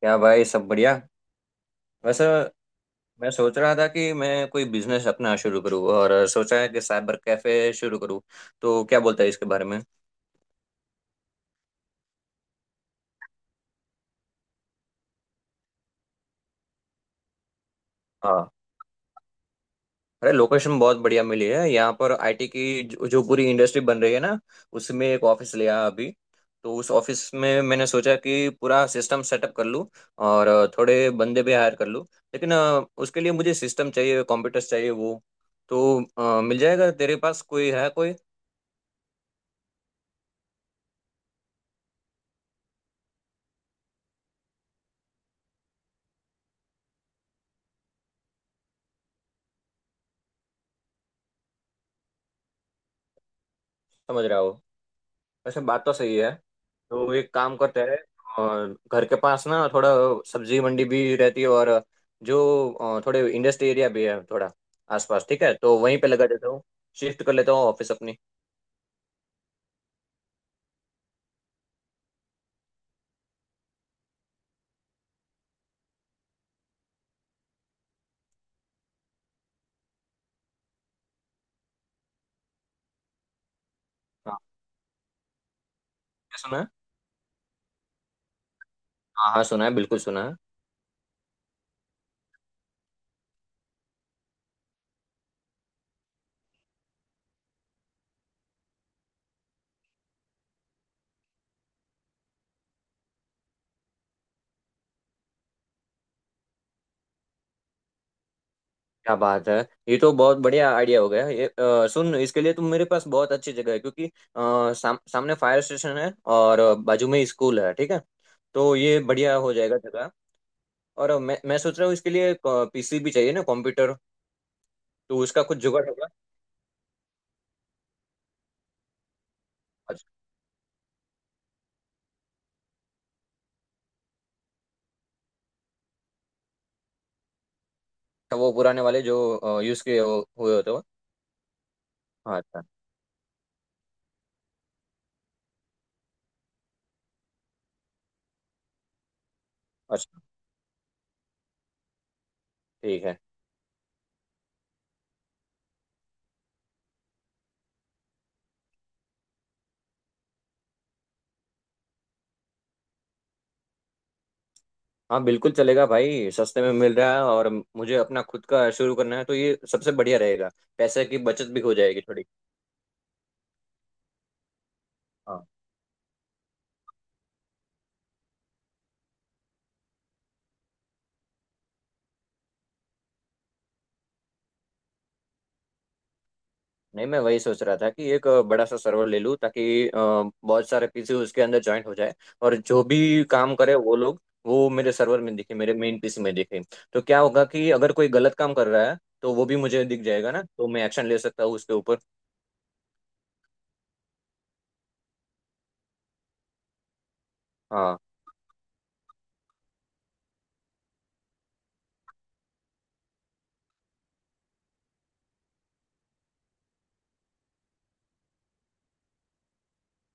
क्या भाई, सब बढ़िया? वैसे मैं सोच रहा था कि मैं कोई बिजनेस अपना शुरू करूँ और सोचा है कि साइबर कैफे शुरू करूँ। तो क्या बोलता है इसके बारे में? हाँ। अरे लोकेशन बहुत बढ़िया मिली है। यहाँ पर आईटी की जो पूरी इंडस्ट्री बन रही है ना, उसमें एक ऑफिस लिया अभी। तो उस ऑफिस में मैंने सोचा कि पूरा सिस्टम सेटअप कर लूँ और थोड़े बंदे भी हायर कर लूँ। लेकिन उसके लिए मुझे सिस्टम चाहिए, कंप्यूटर्स चाहिए वो। तो मिल जाएगा तेरे पास? कोई है कोई? समझ रहा हो। वैसे बात तो सही है। तो एक काम करते हैं। और घर के पास ना थोड़ा सब्जी मंडी भी रहती है, और जो थोड़े इंडस्ट्री एरिया भी है थोड़ा आसपास। ठीक है, तो वहीं पे लगा देता हूँ, शिफ्ट कर लेता हूँ ऑफिस अपनी। हाँ। क्या सुना है? हाँ हाँ सुना है, बिल्कुल सुना है। क्या बात है! ये तो बहुत बढ़िया आइडिया हो गया। ये सुन, इसके लिए तुम मेरे पास बहुत अच्छी जगह है, क्योंकि सामने फायर स्टेशन है और बाजू में स्कूल है। ठीक है, तो ये बढ़िया हो जाएगा जगह। और मैं सोच रहा हूँ इसके लिए पीसी भी चाहिए ना, कंप्यूटर। तो उसका कुछ जुगाड़ होगा? अच्छा, वो पुराने वाले जो यूज किए हुए होते हो। हाँ। अच्छा। अच्छा ठीक है। हाँ बिल्कुल चलेगा भाई, सस्ते में मिल रहा है, और मुझे अपना खुद का शुरू करना है तो ये सबसे बढ़िया रहेगा। पैसे की बचत भी हो जाएगी थोड़ी। हाँ। नहीं, मैं वही सोच रहा था कि एक बड़ा सा सर्वर ले लूँ, ताकि बहुत सारे पीसी उसके अंदर ज्वाइंट हो जाए, और जो भी काम करे वो लोग, वो मेरे सर्वर में दिखे, मेरे मेन पीसी में दिखे। तो क्या होगा कि अगर कोई गलत काम कर रहा है तो वो भी मुझे दिख जाएगा ना, तो मैं एक्शन ले सकता हूँ उसके ऊपर। हाँ,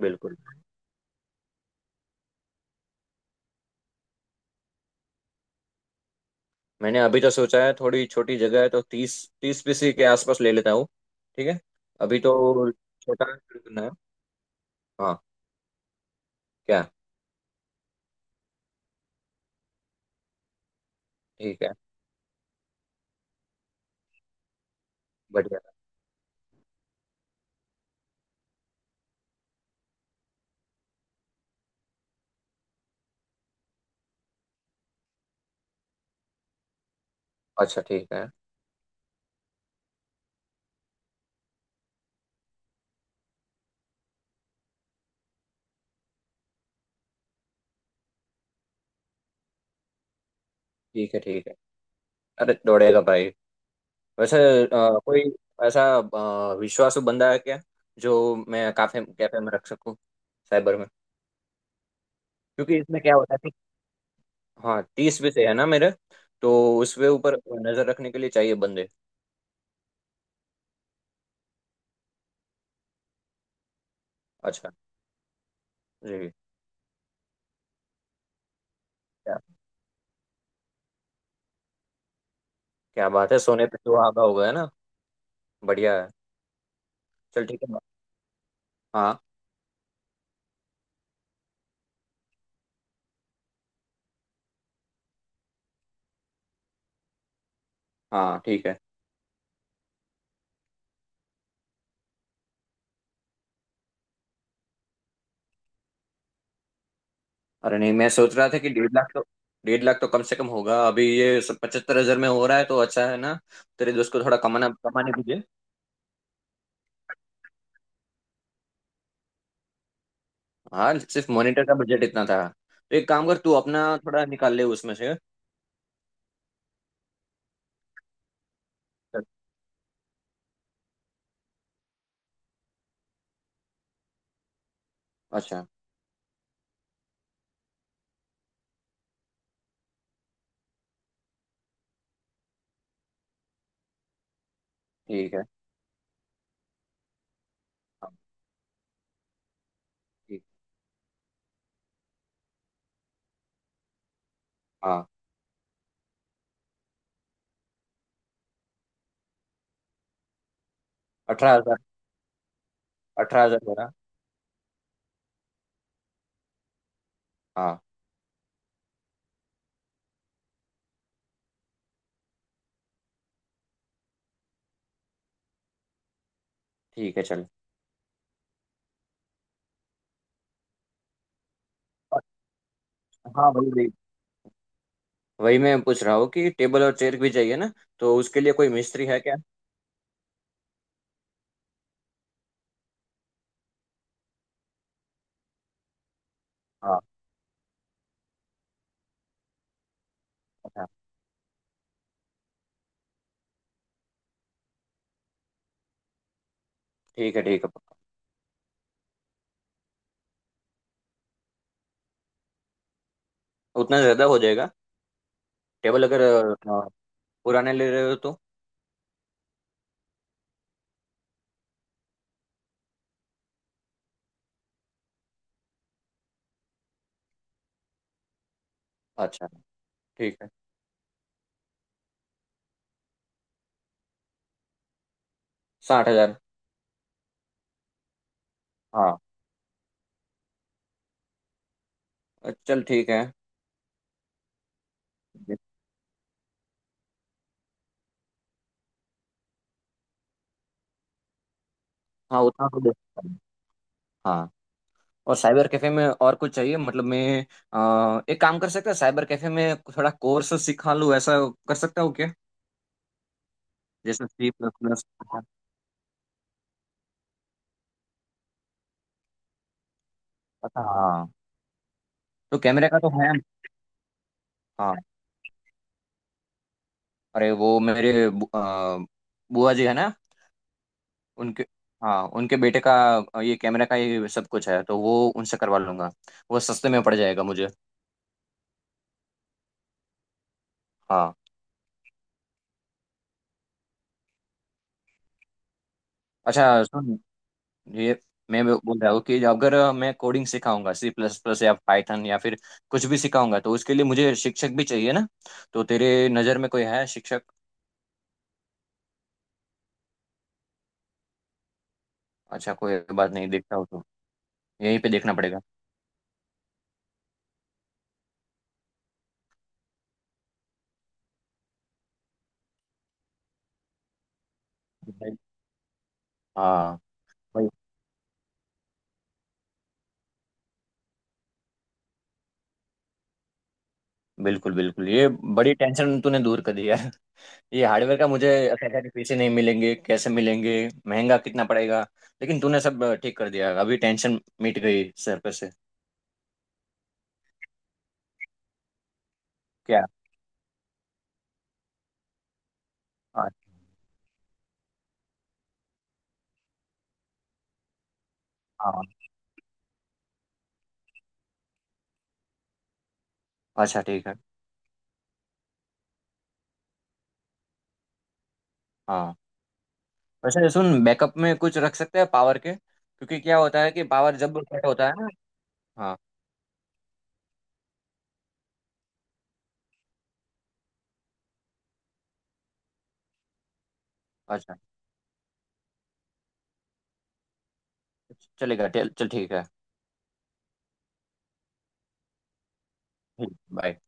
बिल्कुल। मैंने अभी तो सोचा है, थोड़ी छोटी जगह है तो तीस तीस पीसी के आसपास ले लेता हूँ। ठीक है, अभी तो छोटा शुरू करना है। हाँ। क्या? ठीक है। बढ़िया। अच्छा ठीक है। ठीक है। ठीक है, अरे दौड़ेगा भाई। वैसे कोई ऐसा विश्वासु बंदा है क्या, जो मैं काफे कैफे में रख सकूँ, साइबर में? क्योंकि इसमें क्या होता है कि, हाँ, 30 पीसे है ना मेरे, तो उसके ऊपर नजर रखने के लिए चाहिए बंदे। अच्छा। जी। क्या? क्या बात है! सोने पे सुहागा हो गया ना। बढ़िया है। चल ठीक है। हाँ। हाँ ठीक है। अरे नहीं, मैं सोच रहा था कि 1.5 लाख तो कम से कम होगा। अभी ये सब 75 हजार में हो रहा है तो अच्छा है ना। तेरे दोस्त को थोड़ा कमाना कमाने दीजिए। हाँ, सिर्फ मॉनिटर का बजट इतना था, तो एक काम कर, तू अपना थोड़ा निकाल ले उसमें से। अच्छा ठीक है। हाँ ठीक। हाँ 18 हजार। 18 हजार मेरा। हाँ ठीक है, चल। हाँ वही वही। वही मैं पूछ रहा हूँ कि टेबल और चेयर भी चाहिए ना, तो उसके लिए कोई मिस्त्री है क्या? हाँ। अच्छा ठीक है। ठीक है। उतना ज्यादा हो जाएगा? टेबल अगर पुराने ले रहे हो तो। अच्छा ठीक है। 60 हजार। हाँ चल ठीक है। हाँ उतना तो दे सकता हूँ। हाँ। और साइबर कैफे में और कुछ चाहिए मतलब मैं, एक काम कर सकता है, साइबर कैफे में थोड़ा कोर्स सिखा लूँ ऐसा, कर सकता हूँ क्या? जैसे C++। हाँ, तो कैमरे का तो है। हाँ, अरे वो मेरे बुआ जी है ना, उनके। हाँ, उनके बेटे का ये कैमरे का ये सब कुछ है, तो वो उनसे करवा लूंगा, वो सस्ते में पड़ जाएगा मुझे। हाँ। अच्छा सुन, ये मैं वो बोल रहा हूँ कि अगर मैं कोडिंग सिखाऊंगा, C++ या पाइथन या फिर कुछ भी सिखाऊंगा, तो उसके लिए मुझे शिक्षक भी चाहिए ना, तो तेरे नज़र में कोई है शिक्षक? अच्छा, कोई बात नहीं, देखता हो तो यहीं पे देखना पड़ेगा। हाँ वही। बिल्कुल बिल्कुल, ये बड़ी टेंशन तूने दूर कर दी यार, ये हार्डवेयर का मुझे ऐसा था कि पैसे नहीं मिलेंगे, कैसे मिलेंगे, महंगा कितना पड़ेगा। लेकिन तूने सब ठीक कर दिया, अभी टेंशन मिट गई सर पे से। क्या? हाँ हाँ। अच्छा ठीक है। हाँ। वैसे सुन, बैकअप में कुछ रख सकते हैं पावर के, क्योंकि क्या होता है कि पावर जब कट होता है ना। हाँ। अच्छा चलेगा। चल चल ठीक है, बाय।